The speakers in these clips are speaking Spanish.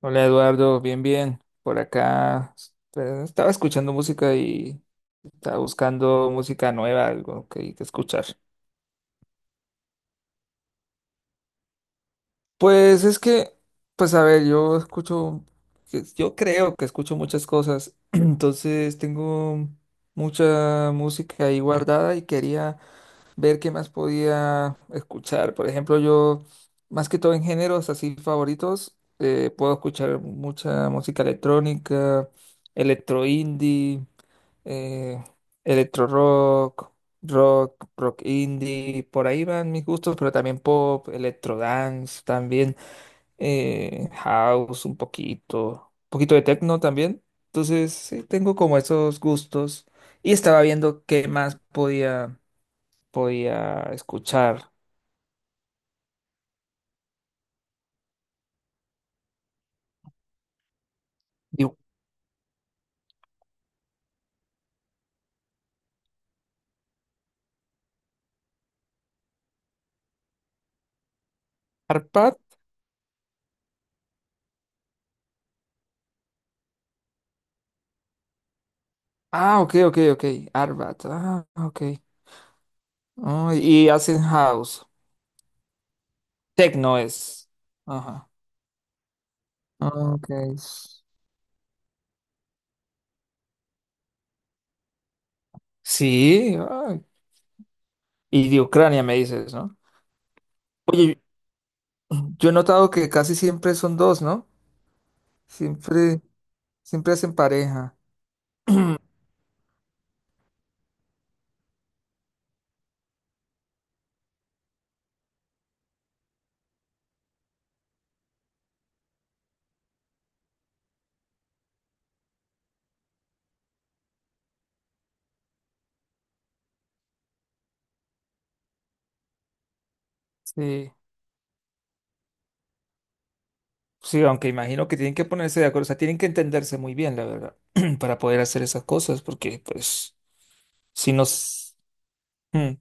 Hola Eduardo, bien, bien. Por acá estaba escuchando música y estaba buscando música nueva, algo que escuchar. Pues es que, pues a ver, yo escucho, pues, yo creo que escucho muchas cosas, entonces tengo mucha música ahí guardada y quería ver qué más podía escuchar. Por ejemplo, yo, más que todo en géneros así favoritos, puedo escuchar mucha música electrónica, electro indie. eh, Electro rock, rock indie, por ahí van mis gustos, pero también pop, electro dance, también house un poquito de techno también. Entonces, sí, tengo como esos gustos y estaba viendo qué más podía escuchar. Digo, Arpad. Ah, ok, ok, ok. Arbat. Ah, ok. Ah, y hacen house. Techno es. Ajá. Ah, ok. Sí, ay, y de Ucrania me dices, ¿no? Oye, yo he notado que casi siempre son dos, ¿no? Siempre, siempre hacen pareja. Sí, sí, aunque imagino que tienen que ponerse de acuerdo, o sea, tienen que entenderse muy bien, la verdad, para poder hacer esas cosas, porque pues, si nos... Mm,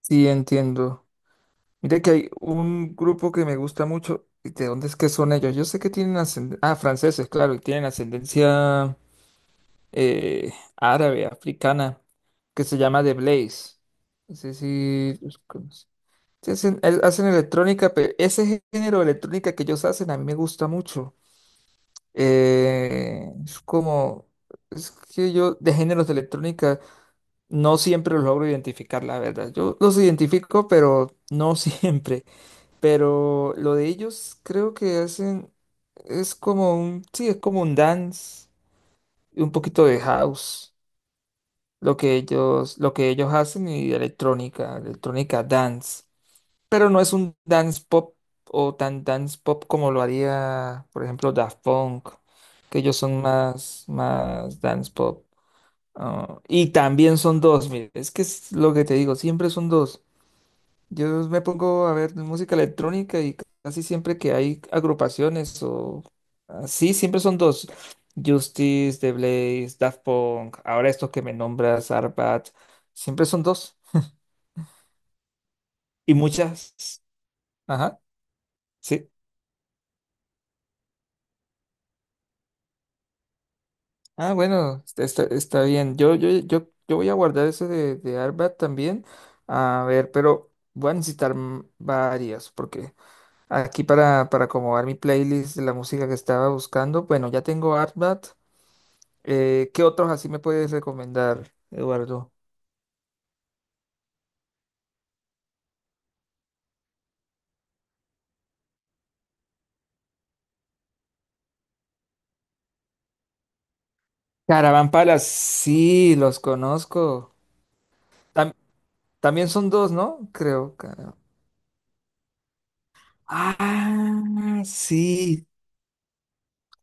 sí, entiendo. Mira que hay un grupo que me gusta mucho, ¿y de dónde es que son ellos? Yo sé que tienen ascendencia... Ah, franceses, claro, y tienen ascendencia árabe, africana, que se llama The Blaze. No sé si los conoces. Sí, hacen, hacen electrónica, pero ese género de electrónica que ellos hacen a mí me gusta mucho. Eh, es como, es que yo de géneros de electrónica no siempre los logro identificar, la verdad. Yo los identifico, pero no siempre. Pero lo de ellos creo que hacen, es como un, sí, es como un dance y un poquito de house. Lo que ellos, lo que ellos hacen y electrónica, electrónica dance. Pero no es un dance pop o tan dance pop como lo haría, por ejemplo, Daft Punk, que ellos son más, más dance pop. Ah, y también son dos, mire, es que es lo que te digo, siempre son dos. Yo me pongo a ver música electrónica y casi siempre que hay agrupaciones o así, siempre son dos. Justice, The Blaze, Daft Punk, ahora estos que me nombras, Arbat, siempre son dos. Y muchas. Ajá, sí. Ah, bueno, está bien. Yo voy a guardar eso de Arbat también. A ver, pero voy a necesitar varias porque aquí para acomodar mi playlist de la música que estaba buscando, bueno, ya tengo Arbat. ¿Qué otros así me puedes recomendar, Eduardo? Caravan sí, los conozco. Tam- también son dos, ¿no? Creo. Cara- Ah, sí,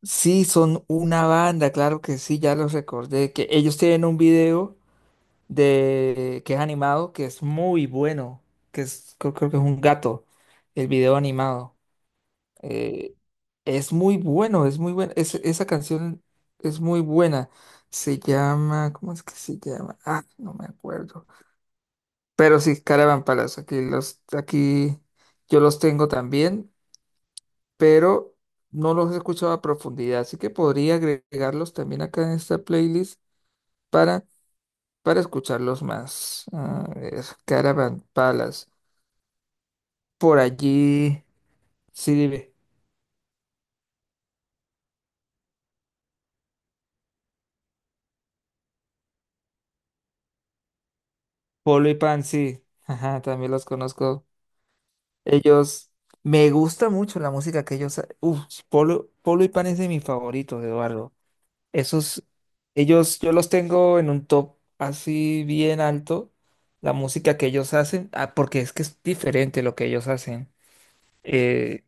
sí, son una banda, claro que sí, ya los recordé. Que ellos tienen un video de que es animado, que es muy bueno, que es, creo que es un gato, el video animado. Eh, es muy bueno, es muy buena. Esa canción es muy buena. Se llama, ¿cómo es que se llama? Ah, no me acuerdo. Pero sí, Caravan Palace. Aquí yo los tengo también, pero no los he escuchado a profundidad. Así que podría agregarlos también acá en esta playlist para, para escucharlos más. A ver, Caravan Palace. Por allí, sí, dime. Polo y Pan, sí. Ajá, también los conozco. Ellos, me gusta mucho la música que ellos, uf, Polo y Pan es de mis favoritos, Eduardo. Esos, ellos, yo los tengo en un top así bien alto, la música que ellos hacen, ah, porque es que es diferente lo que ellos hacen. Eh,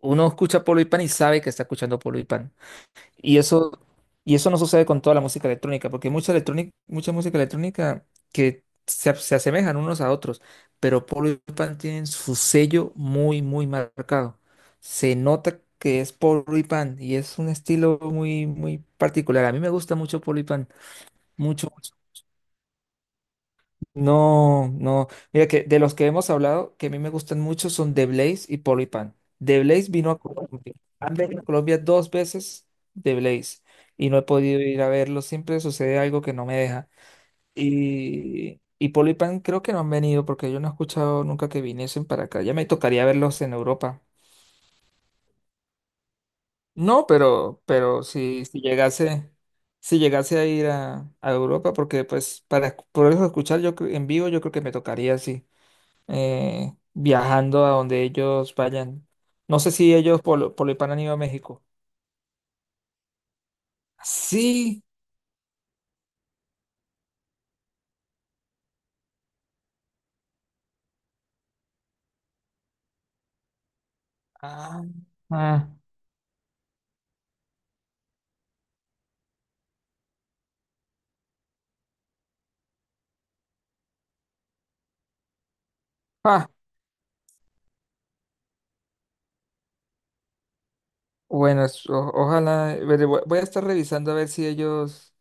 uno escucha Polo y Pan y sabe que está escuchando Polo y Pan. Y eso, y eso no sucede con toda la música electrónica, porque mucha electrónica, mucha música electrónica se asemejan unos a otros, pero Paul y Pan tienen su sello muy, muy marcado. Se nota que es Paul y Pan y es un estilo muy, muy particular. A mí me gusta mucho Paul y Pan, mucho, mucho. No, no. Mira que de los que hemos hablado, que a mí me gustan mucho son The Blaze y Polipan. The Blaze vino a Colombia. Han venido a Colombia dos veces The Blaze y no he podido ir a verlo. Siempre sucede algo que no me deja. Y Polipan creo que no han venido porque yo no he escuchado nunca que viniesen para acá. Ya me tocaría verlos en Europa. No, pero, si llegase, si llegase a ir a Europa, porque pues para poderlos escuchar yo en vivo, yo creo que me tocaría así. Viajando a donde ellos vayan. No sé si ellos por lo Hispano han ido a México. Sí. Ah, ah, ah. Bueno, ojalá. Veré, voy a estar revisando a ver si ellos,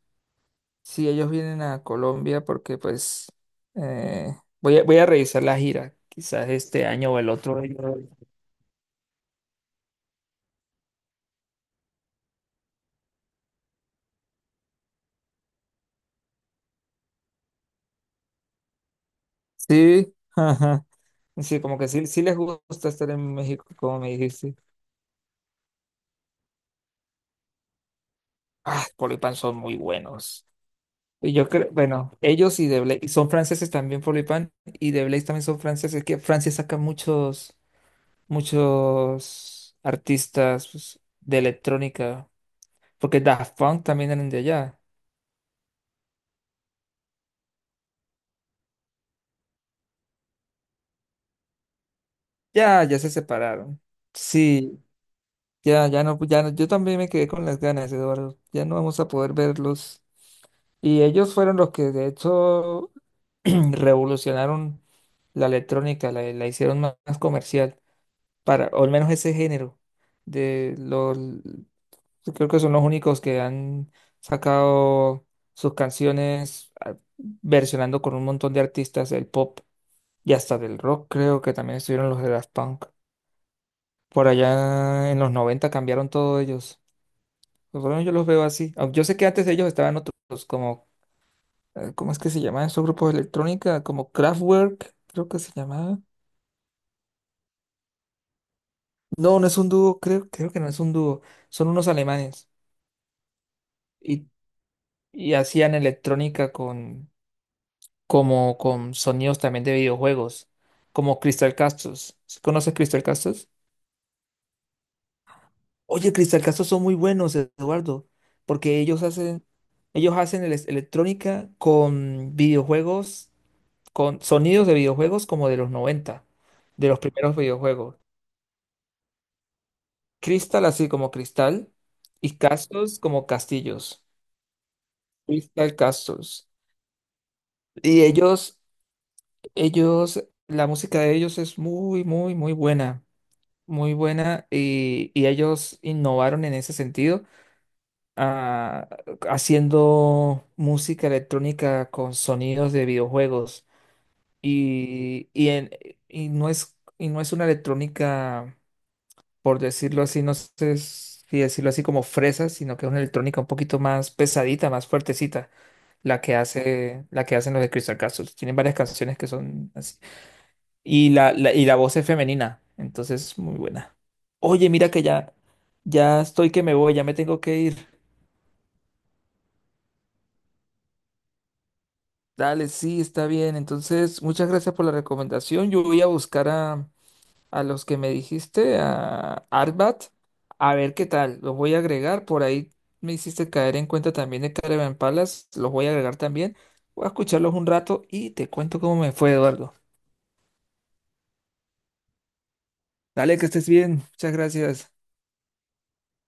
si ellos vienen a Colombia, porque pues eh, voy a, voy a revisar la gira. Quizás este año o el otro año. Sí, ajá. Sí, como que sí, sí les gusta estar en México, como me dijiste. Ah, Colipan son muy buenos. Y yo creo, bueno, ellos y The Blaze son franceses también, Pan y The Blaze también son franceses, que Francia saca muchos, muchos artistas pues, de electrónica, porque Daft Punk también eran de allá. Ya, ya se separaron. Sí, ya no, ya no, yo también me quedé con las ganas, Eduardo. Ya no vamos a poder verlos. Y ellos fueron los que de hecho revolucionaron la electrónica, la hicieron más más comercial. Para, o al menos ese género de los, yo creo que son los únicos que han sacado sus canciones versionando con un montón de artistas del pop y hasta del rock, creo que también estuvieron los de Daft Punk. Por allá en los 90 cambiaron todos ellos. Por lo menos yo los veo así. Aunque yo sé que antes de ellos estaban otros como, ¿cómo es que se llamaban esos grupos de electrónica? Como Kraftwerk, creo que se llamaba. No, no es un dúo, creo, creo que no es un dúo. Son unos alemanes. Y y hacían electrónica con como con sonidos también de videojuegos, como Crystal Castles. ¿Conoces Crystal Castles? Oye, Crystal Castles son muy buenos, Eduardo, porque ellos hacen electrónica con videojuegos, con sonidos de videojuegos como de los 90 de los primeros videojuegos. Crystal así como cristal y Castles como castillos. Crystal Castles. Y ellos Ellos, la música de ellos es muy, muy, muy buena y ellos innovaron en ese sentido, ah, haciendo música electrónica con sonidos de videojuegos y, y, en- y y no es una electrónica, por decirlo así, no sé si decirlo así como fresa, sino que es una electrónica un poquito más pesadita, más fuertecita, la que hacen los de Crystal Castles. Tienen varias canciones que son así y y la voz es femenina, entonces muy buena. Oye, mira que ya, ya estoy que me voy, ya me tengo que ir. Dale, sí, está bien. Entonces, muchas gracias por la recomendación. Yo voy a buscar a los que me dijiste, a Arbat, a ver qué tal. Los voy a agregar. Por ahí me hiciste caer en cuenta también de Caravan Palace. Los voy a agregar también. Voy a escucharlos un rato y te cuento cómo me fue, Eduardo. Dale, que estés bien. Muchas gracias.